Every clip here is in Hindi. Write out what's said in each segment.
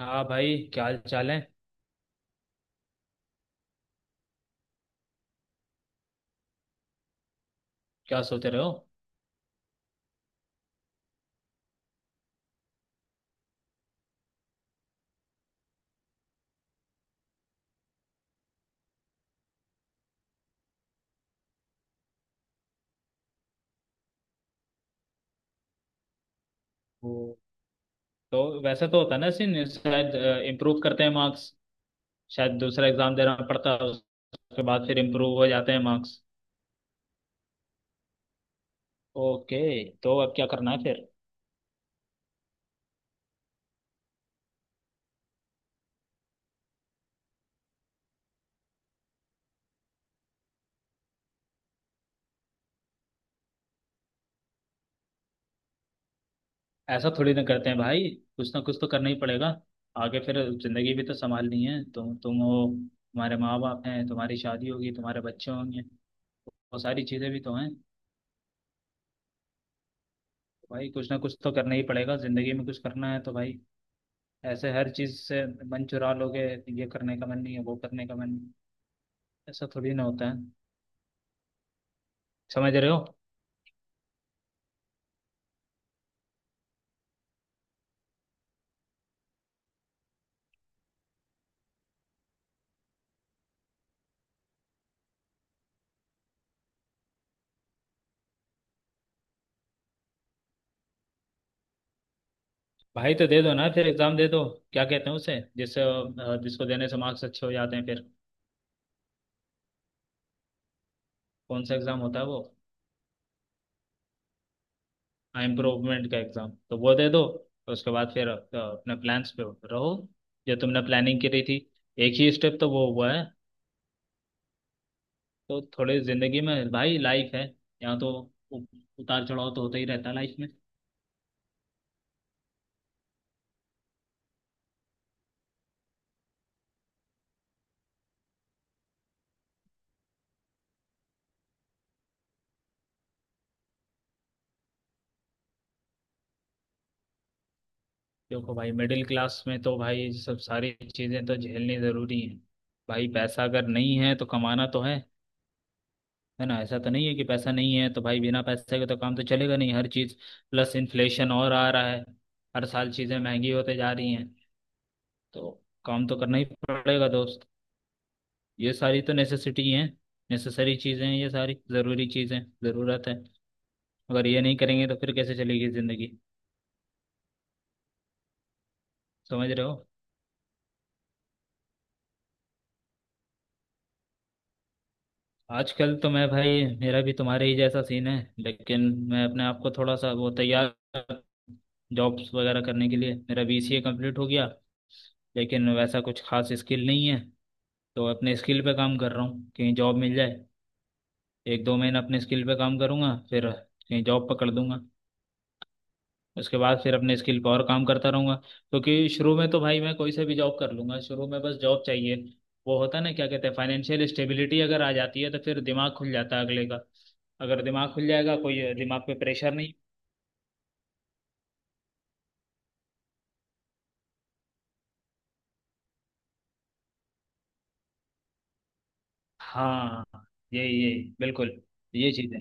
हाँ भाई, क्या हाल चाल है? क्या सोच रहे हो? वो तो वैसे तो होता है ना सीन, शायद इम्प्रूव करते हैं मार्क्स। शायद दूसरा एग्जाम देना पड़ता है उसके बाद फिर इम्प्रूव हो जाते हैं मार्क्स। ओके, तो अब क्या करना है फिर? ऐसा थोड़ी ना करते हैं भाई। कुछ ना कुछ तो करना ही पड़ेगा आगे फिर। जिंदगी भी तो संभालनी है। तुम हो, तुम्हारे माँ बाप हैं, तुम्हारी शादी होगी, तुम्हारे बच्चे होंगे, तो वो सारी चीज़ें भी तो हैं। भाई कुछ ना कुछ तो करना ही पड़ेगा, जिंदगी में कुछ करना है तो भाई। ऐसे हर चीज से मन चुरा लोगे, ये करने का मन नहीं है, वो करने का मन नहीं है। ऐसा थोड़ी ना होता है। समझ रहे हो? भाई तो दे दो ना फिर, एग्जाम दे दो। क्या कहते हैं उसे, जिससे जिसको देने से मार्क्स अच्छे हो जाते हैं फिर? कौन सा एग्जाम होता है वो? हाँ, इम्प्रूवमेंट का एग्जाम, तो वो दे दो। तो उसके बाद फिर अपने प्लान्स पे रहो, जो तुमने प्लानिंग करी थी। एक ही स्टेप तो वो हुआ है। तो थोड़े जिंदगी में भाई, लाइफ है यहाँ तो उ- उतार चढ़ाव तो होता ही रहता है लाइफ में। देखो भाई, मिडिल क्लास में तो भाई ये सब सारी चीज़ें तो झेलनी ज़रूरी हैं। भाई पैसा अगर नहीं है तो कमाना तो है। है ना? ऐसा तो नहीं है कि पैसा नहीं है तो भाई, बिना पैसे के तो काम तो चलेगा नहीं हर चीज़। प्लस इन्फ्लेशन और आ रहा है, हर साल चीज़ें महंगी होते जा रही हैं। तो काम तो करना ही पड़ेगा दोस्त। ये सारी तो नेसेसिटी हैं, नेसेसरी चीज़ें हैं ये सारी, ज़रूरी चीज़ें, ज़रूरत है। अगर ये नहीं करेंगे तो फिर कैसे चलेगी ज़िंदगी? समझ रहे हो? आजकल तो मैं भाई, मेरा भी तुम्हारे ही जैसा सीन है लेकिन मैं अपने आप को थोड़ा सा वो तैयार, जॉब्स वगैरह करने के लिए। मेरा बीसीए कंप्लीट हो गया, लेकिन वैसा कुछ खास स्किल नहीं है। तो अपने स्किल पे काम कर रहा हूँ, कहीं जॉब मिल जाए। 1 2 महीना अपने स्किल पे काम करूँगा, फिर कहीं जॉब पकड़ दूंगा। उसके बाद फिर अपने स्किल पर और काम करता रहूंगा, क्योंकि शुरू में तो भाई मैं कोई से भी जॉब कर लूंगा, शुरू में बस जॉब चाहिए। वो होता है ना क्या कहते हैं, फाइनेंशियल स्टेबिलिटी अगर आ जाती है तो फिर दिमाग खुल जाता है अगले का। अगर दिमाग खुल जाएगा कोई दिमाग पे प्रेशर नहीं। हाँ, यही यही बिल्कुल। ये चीज़ है।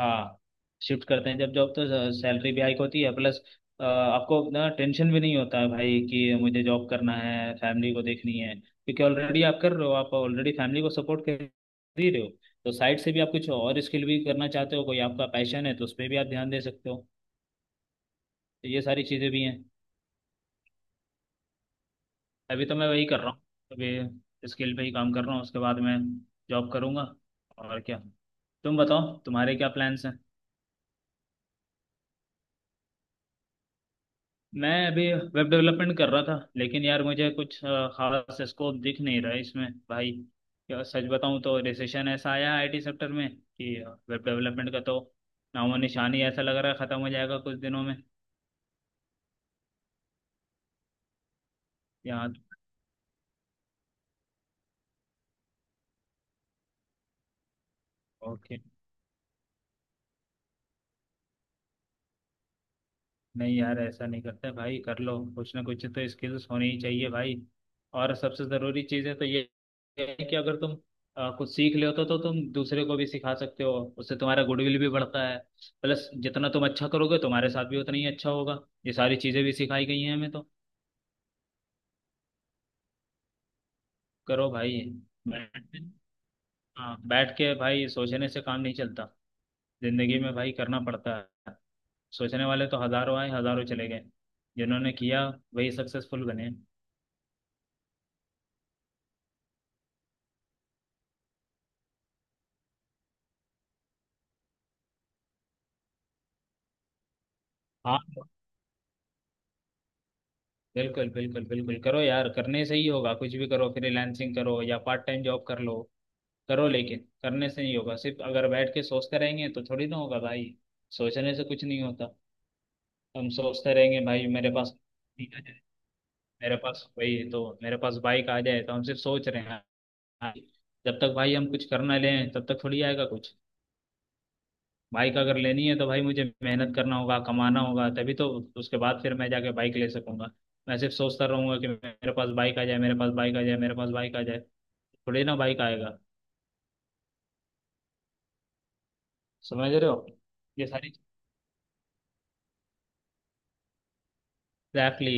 हाँ, शिफ्ट करते हैं जब जॉब, तो सैलरी भी हाइक होती है। प्लस आपको ना टेंशन भी नहीं होता है भाई कि मुझे जॉब करना है, फैमिली को देखनी है, क्योंकि ऑलरेडी आप कर रहे हो, आप ऑलरेडी फैमिली को सपोर्ट कर दे रहे हो। तो साइड से भी आप कुछ और स्किल भी करना चाहते हो, कोई आपका पैशन है तो उस पर भी आप ध्यान दे सकते हो। तो ये सारी चीज़ें भी हैं। अभी तो मैं वही कर रहा हूँ, अभी स्किल पे ही काम कर रहा हूँ, उसके बाद मैं जॉब करूँगा और क्या। तुम बताओ, तुम्हारे क्या प्लान्स हैं? मैं अभी वेब डेवलपमेंट कर रहा था, लेकिन यार मुझे कुछ खास स्कोप दिख नहीं रहा है इसमें भाई। क्या सच बताऊं, तो रिसेशन ऐसा आया आईटी सेक्टर में कि वेब डेवलपमेंट का तो नामो निशान ही, ऐसा लग रहा है, ख़त्म हो जाएगा कुछ दिनों में यहाँ। नहीं यार, ऐसा नहीं करते भाई, कर लो कुछ ना कुछ तो, स्किल्स होनी ही चाहिए भाई। और सबसे ज़रूरी चीज़ है तो ये है कि अगर तुम कुछ सीख ले होते तो तुम दूसरे को भी सिखा सकते हो। उससे तुम्हारा गुडविल भी बढ़ता है। प्लस जितना तुम अच्छा करोगे, तुम्हारे साथ भी उतना ही अच्छा होगा। ये सारी चीज़ें भी सिखाई गई हैं हमें तो। करो भाई, बैठ, हाँ, बैठ के भाई सोचने से काम नहीं चलता, जिंदगी में भाई करना पड़ता है। सोचने वाले तो हज़ारों आए, हज़ारों चले गए। जिन्होंने किया, वही सक्सेसफुल बने। हाँ बिल्कुल बिल्कुल बिल्कुल, करो यार, करने से ही होगा। कुछ भी करो, फ्रीलांसिंग करो या पार्ट टाइम जॉब कर लो। करो लेकिन, करने से नहीं होगा सिर्फ, अगर बैठ के सोचते रहेंगे तो थोड़ी ना होगा भाई। सोचने से कुछ नहीं होता। हम सोचते रहेंगे भाई, मेरे पास ठीक है, मेरे पास वही है, तो मेरे पास बाइक आ जाए, तो हम सिर्फ सोच रहे हैं, हाँ, जब तक भाई हम कुछ करना लें तब तक थोड़ी आएगा कुछ। बाइक अगर लेनी है तो भाई मुझे मेहनत करना होगा, कमाना होगा तभी तो उसके बाद फिर मैं जाके बाइक ले सकूंगा। मैं सिर्फ सोचता रहूंगा कि मेरे पास बाइक आ जाए, मेरे पास बाइक आ जाए, मेरे पास बाइक आ जाए, थोड़ी ना बाइक आएगा। समझ रहे हो? ये सारी एग्जैक्टली।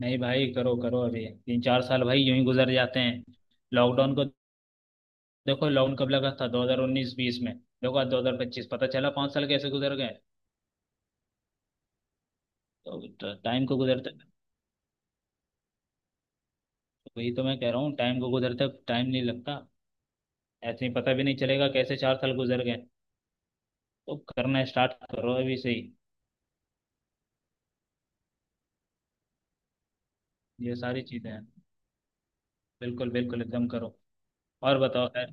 नहीं भाई, करो करो, अभी 3 4 साल भाई यूं ही गुजर जाते हैं। लॉकडाउन को देखो, लॉकडाउन कब लगा था, 2019-20 में, देखो आज 2025, पता चला 5 साल कैसे गुजर गए। तो टाइम को गुजरते, वही तो मैं कह रहा हूँ, टाइम को गुजरते टाइम नहीं लगता। ऐसे ही पता भी नहीं चलेगा कैसे 4 साल गुजर गए। तो करना स्टार्ट करो अभी से ही। ये सारी चीजें हैं, बिल्कुल बिल्कुल एकदम करो। और बताओ खैर।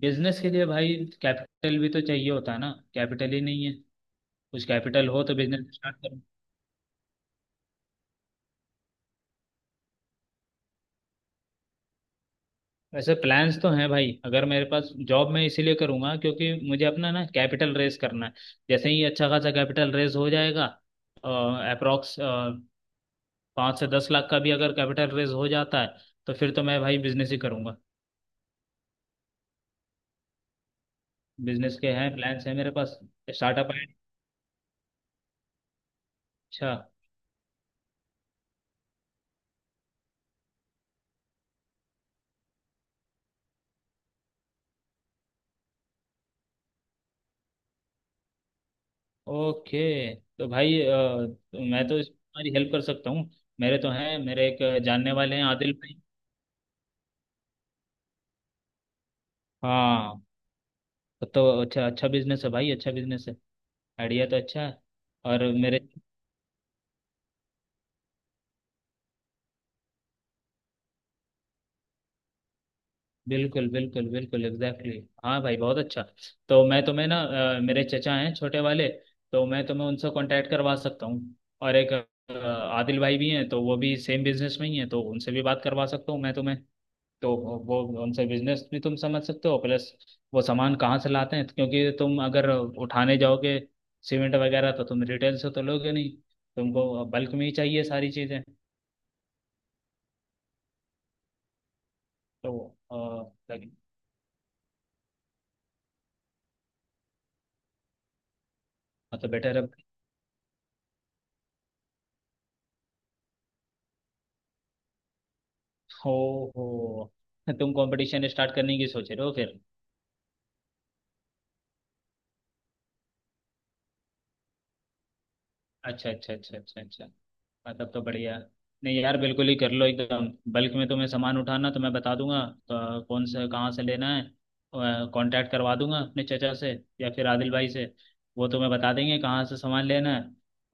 बिजनेस के लिए भाई कैपिटल भी तो चाहिए होता है ना, कैपिटल ही नहीं है। कुछ कैपिटल हो तो बिजनेस स्टार्ट करो। वैसे प्लान्स तो हैं भाई, अगर मेरे पास जॉब, मैं इसीलिए करूंगा क्योंकि मुझे अपना ना कैपिटल रेज करना है। जैसे ही अच्छा खासा कैपिटल रेज हो जाएगा, अप्रोक्स 5 से 10 लाख का भी अगर कैपिटल रेज हो जाता है, तो फिर तो मैं भाई बिजनेस ही करूंगा। बिजनेस के हैं, प्लान्स हैं मेरे पास, स्टार्टअप है। अच्छा, ओके, तो भाई तो मैं तो इस तुम्हारी हेल्प कर सकता हूँ। मेरे तो हैं, मेरे एक जानने वाले हैं आदिल भाई। हाँ, तो अच्छा, अच्छा बिजनेस है भाई, अच्छा बिजनेस है, आइडिया तो अच्छा है। और मेरे, बिल्कुल बिल्कुल बिल्कुल एग्जैक्टली exactly. हाँ भाई, बहुत अच्छा। तो मैं तुम्हें ना मेरे चचा हैं छोटे वाले, तो मैं तुम्हें उनसे कांटेक्ट करवा सकता हूँ। और एक आदिल भाई भी हैं, तो वो भी सेम बिजनेस में ही हैं, तो उनसे भी बात करवा सकता हूँ मैं तुम्हें। तो वो उनसे बिजनेस भी तुम समझ सकते हो। प्लस वो सामान कहाँ से लाते हैं, क्योंकि तुम अगर उठाने जाओगे सीमेंट वगैरह, तो तुम रिटेल से तो लोगे नहीं, तुमको बल्क में ही चाहिए सारी चीज़ें। तो अ, लगे- मतलब बेटर, हो हो तुम कंपटीशन स्टार्ट करने की सोच रहे हो फिर? अच्छा अच्छा अच्छा अच्छा अच्छा। हाँ, तब तो बढ़िया। नहीं यार, बिल्कुल ही कर लो एकदम। बल्क में तुम्हें सामान उठाना तो मैं बता दूंगा, तो कौन से कहाँ से लेना है, कांटेक्ट करवा दूंगा अपने चचा से या फिर आदिल भाई से। वो तुम्हें बता देंगे कहाँ से सामान लेना है।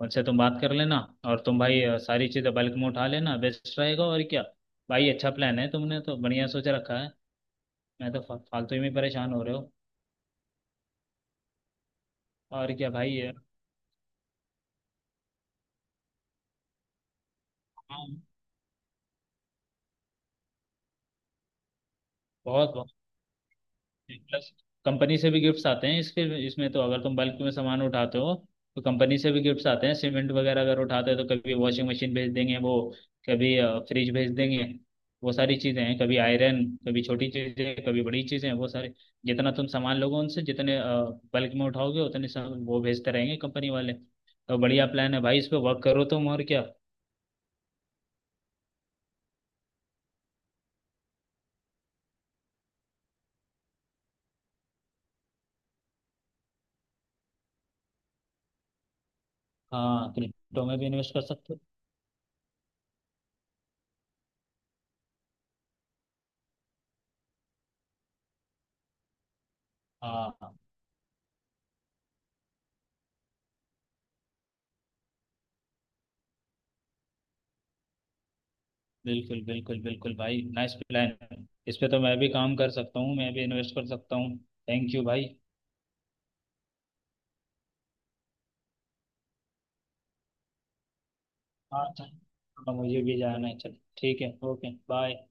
उनसे तुम बात कर लेना। और तुम भाई सारी चीज़ें बल्क में उठा लेना, बेस्ट रहेगा और क्या। भाई अच्छा प्लान है, तुमने तो बढ़िया सोच रखा है। मैं तो फालतू ही में परेशान हो रहे हो। और क्या भाई। हाँ, बहुत। प्लस कंपनी से भी गिफ्ट्स आते हैं इसके इसमें तो अगर तुम बल्क में सामान उठाते हो, तो कंपनी से भी गिफ्ट्स आते हैं। सीमेंट वगैरह अगर उठाते हो तो कभी वॉशिंग मशीन भेज देंगे वो, कभी फ्रिज भेज देंगे, वो सारी चीज़ें हैं, कभी आयरन, कभी छोटी चीज़ें, कभी बड़ी चीज़ें, वो सारे जितना तुम सामान लोगे उनसे, जितने बल्क में उठाओगे, उतने सामान वो भेजते रहेंगे कंपनी वाले। तो बढ़िया प्लान है भाई, इस पे वर्क करो तुम और क्या। हाँ, क्रिप्टो में भी इन्वेस्ट कर सकते हो। हाँ बिल्कुल बिल्कुल बिल्कुल भाई, नाइस प्लान। इस पे तो मैं भी काम कर सकता हूँ, मैं भी इन्वेस्ट कर सकता हूँ। थैंक यू भाई। हाँ चल, अब मुझे भी जाना है। चल ठीक है, ओके बाय।